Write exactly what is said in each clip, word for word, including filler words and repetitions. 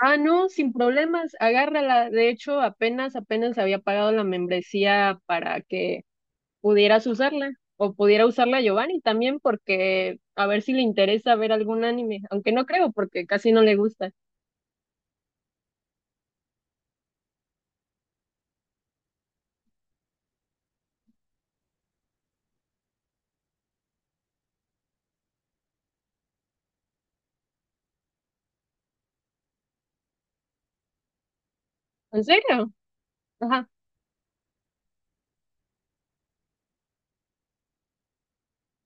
Ah, no, sin problemas, agárrala. De hecho, apenas, apenas había pagado la membresía para que pudieras usarla o pudiera usarla Giovanni también, porque a ver si le interesa ver algún anime, aunque no creo porque casi no le gusta. ¿En serio? Ajá.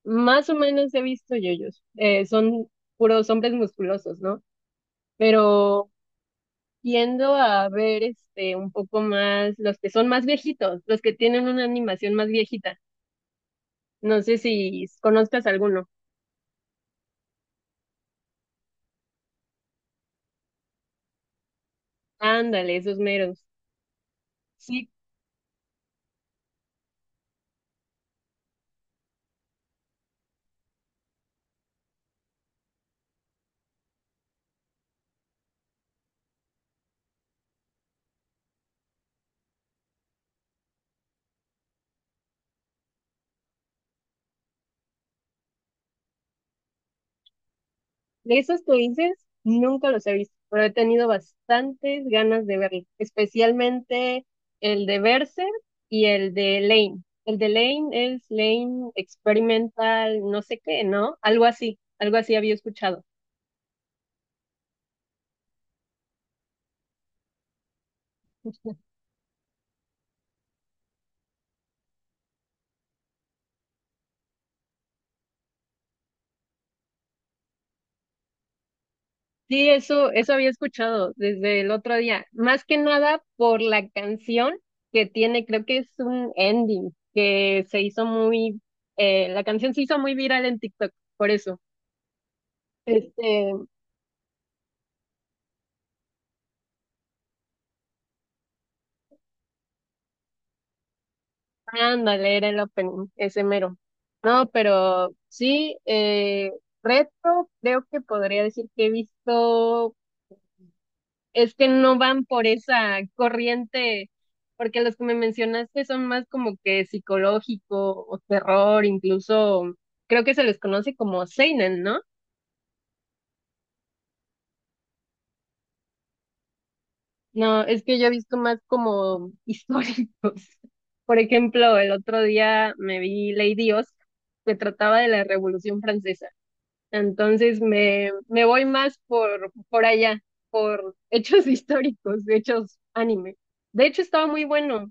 Más o menos he visto yoyos. Eh, son puros hombres musculosos, ¿no? Pero tiendo a ver este un poco más los que son más viejitos, los que tienen una animación más viejita. No sé si conozcas alguno. Ándale, esos meros. Sí, de esos que dices, nunca los he visto, pero he tenido bastantes ganas de verlo, especialmente el de Berserk y el de Lane. El de Lane es Lane Experimental, no sé qué, ¿no? Algo así, algo así había escuchado. Sí, eso, eso había escuchado desde el otro día. Más que nada por la canción que tiene, creo que es un ending que se hizo muy, eh, La canción se hizo muy viral en TikTok, por eso. Este, ándale, era el opening, ese mero. No, pero sí, eh, retro, creo que podría decir que he visto. Es que no van por esa corriente, porque los que me mencionaste son más como que psicológico o terror. Incluso creo que se les conoce como seinen, ¿no? No, es que yo he visto más como históricos. Por ejemplo, el otro día me vi Lady Oscar, que trataba de la Revolución Francesa. Entonces me, me voy más por, por allá, por hechos históricos, hechos anime. De hecho, estaba muy bueno.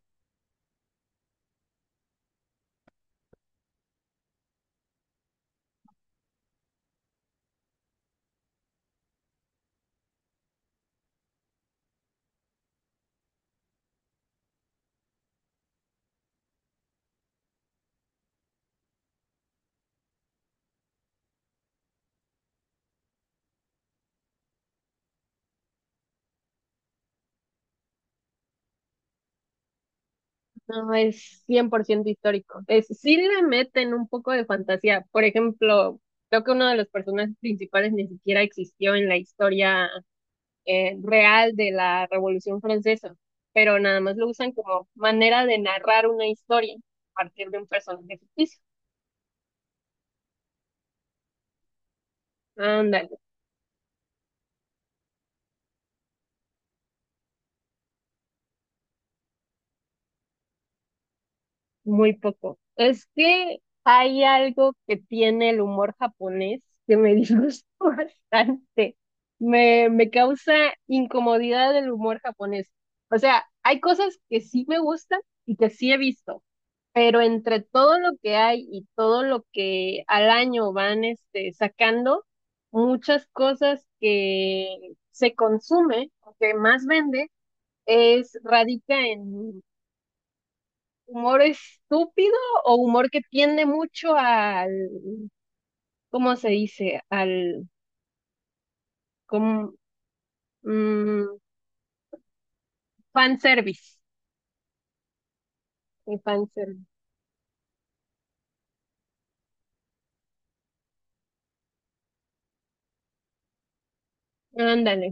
No es cien por ciento histórico. Es, sí le meten un poco de fantasía. Por ejemplo, creo que uno de los personajes principales ni siquiera existió en la historia eh, real de la Revolución Francesa, pero nada más lo usan como manera de narrar una historia a partir de un personaje ficticio. Ándale. Muy poco. Es que hay algo que tiene el humor japonés que me disgusta bastante. Me, me causa incomodidad el humor japonés. O sea, hay cosas que sí me gustan y que sí he visto, pero entre todo lo que hay y todo lo que al año van este, sacando, muchas cosas que se consume o que más vende, es radica en humor estúpido o humor que tiende mucho al, ¿cómo se dice? Al, como, mm, fanservice. El fanservice. Ándale.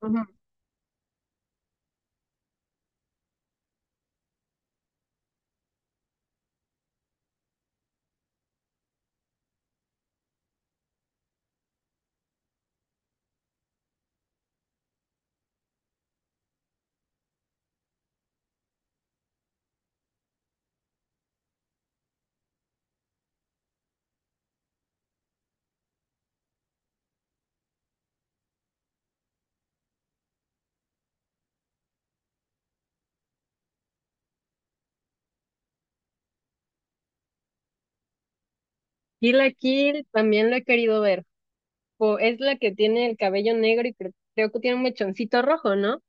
Ujú. Kill la Kill también lo he querido ver. Po- es la que tiene el cabello negro y cre- creo que tiene un mechoncito rojo, ¿no?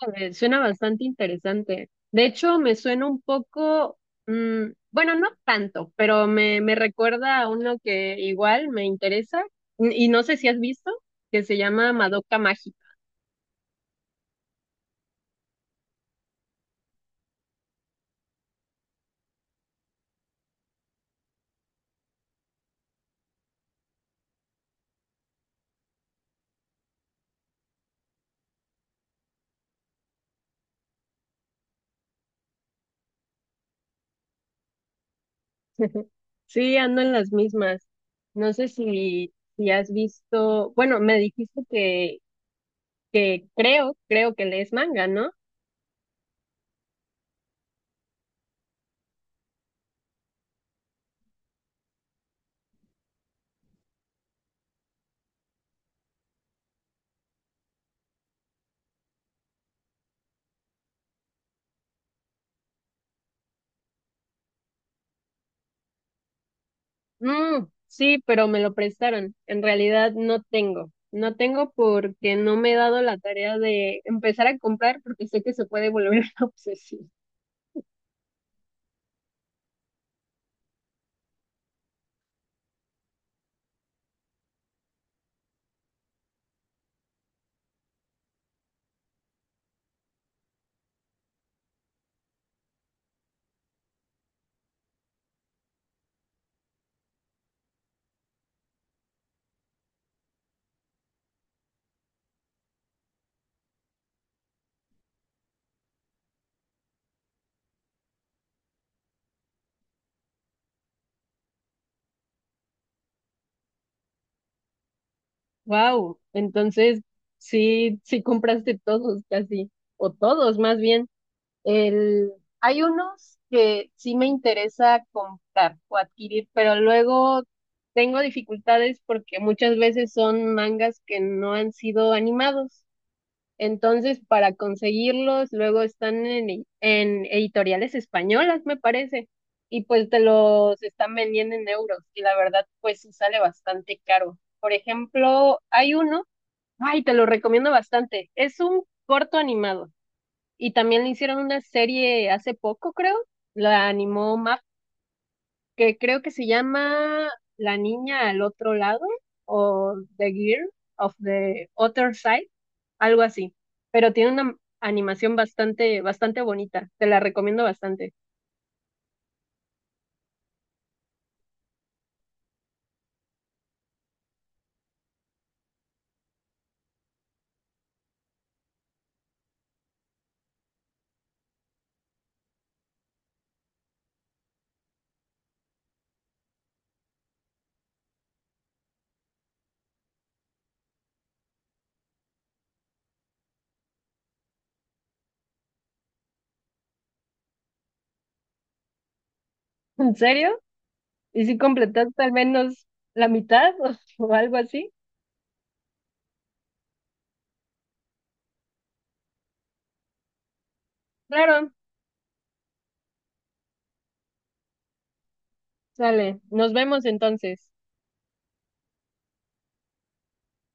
A ver, suena bastante interesante. De hecho, me suena un poco, mm, bueno, no tanto, pero me, me recuerda a uno que igual me interesa y y no sé si has visto, que se llama Madoka Mágica. Sí, ando en las mismas. No sé si, si has visto. Bueno, me dijiste que, que creo, creo que lees manga, ¿no? Mm, sí, pero me lo prestaron. En realidad no tengo. No tengo porque no me he dado la tarea de empezar a comprar porque sé que se puede volver una obsesión. Wow. Entonces, sí, sí compraste todos casi. O todos, más bien. El, hay unos que sí me interesa comprar o adquirir, pero luego tengo dificultades porque muchas veces son mangas que no han sido animados. Entonces, para conseguirlos, luego están en, e- en editoriales españolas, me parece, y pues te los están vendiendo en euros, y la verdad, pues sí sale bastante caro. Por ejemplo, hay uno, ay, te lo recomiendo bastante, es un corto animado. Y también le hicieron una serie hace poco, creo. La animó Map, que creo que se llama La niña al otro lado, o The Girl of the Other Side, algo así. Pero tiene una animación bastante, bastante bonita. Te la recomiendo bastante. ¿En serio? ¿Y si completaste al menos la mitad o, o algo así? Claro, sale. Nos vemos entonces.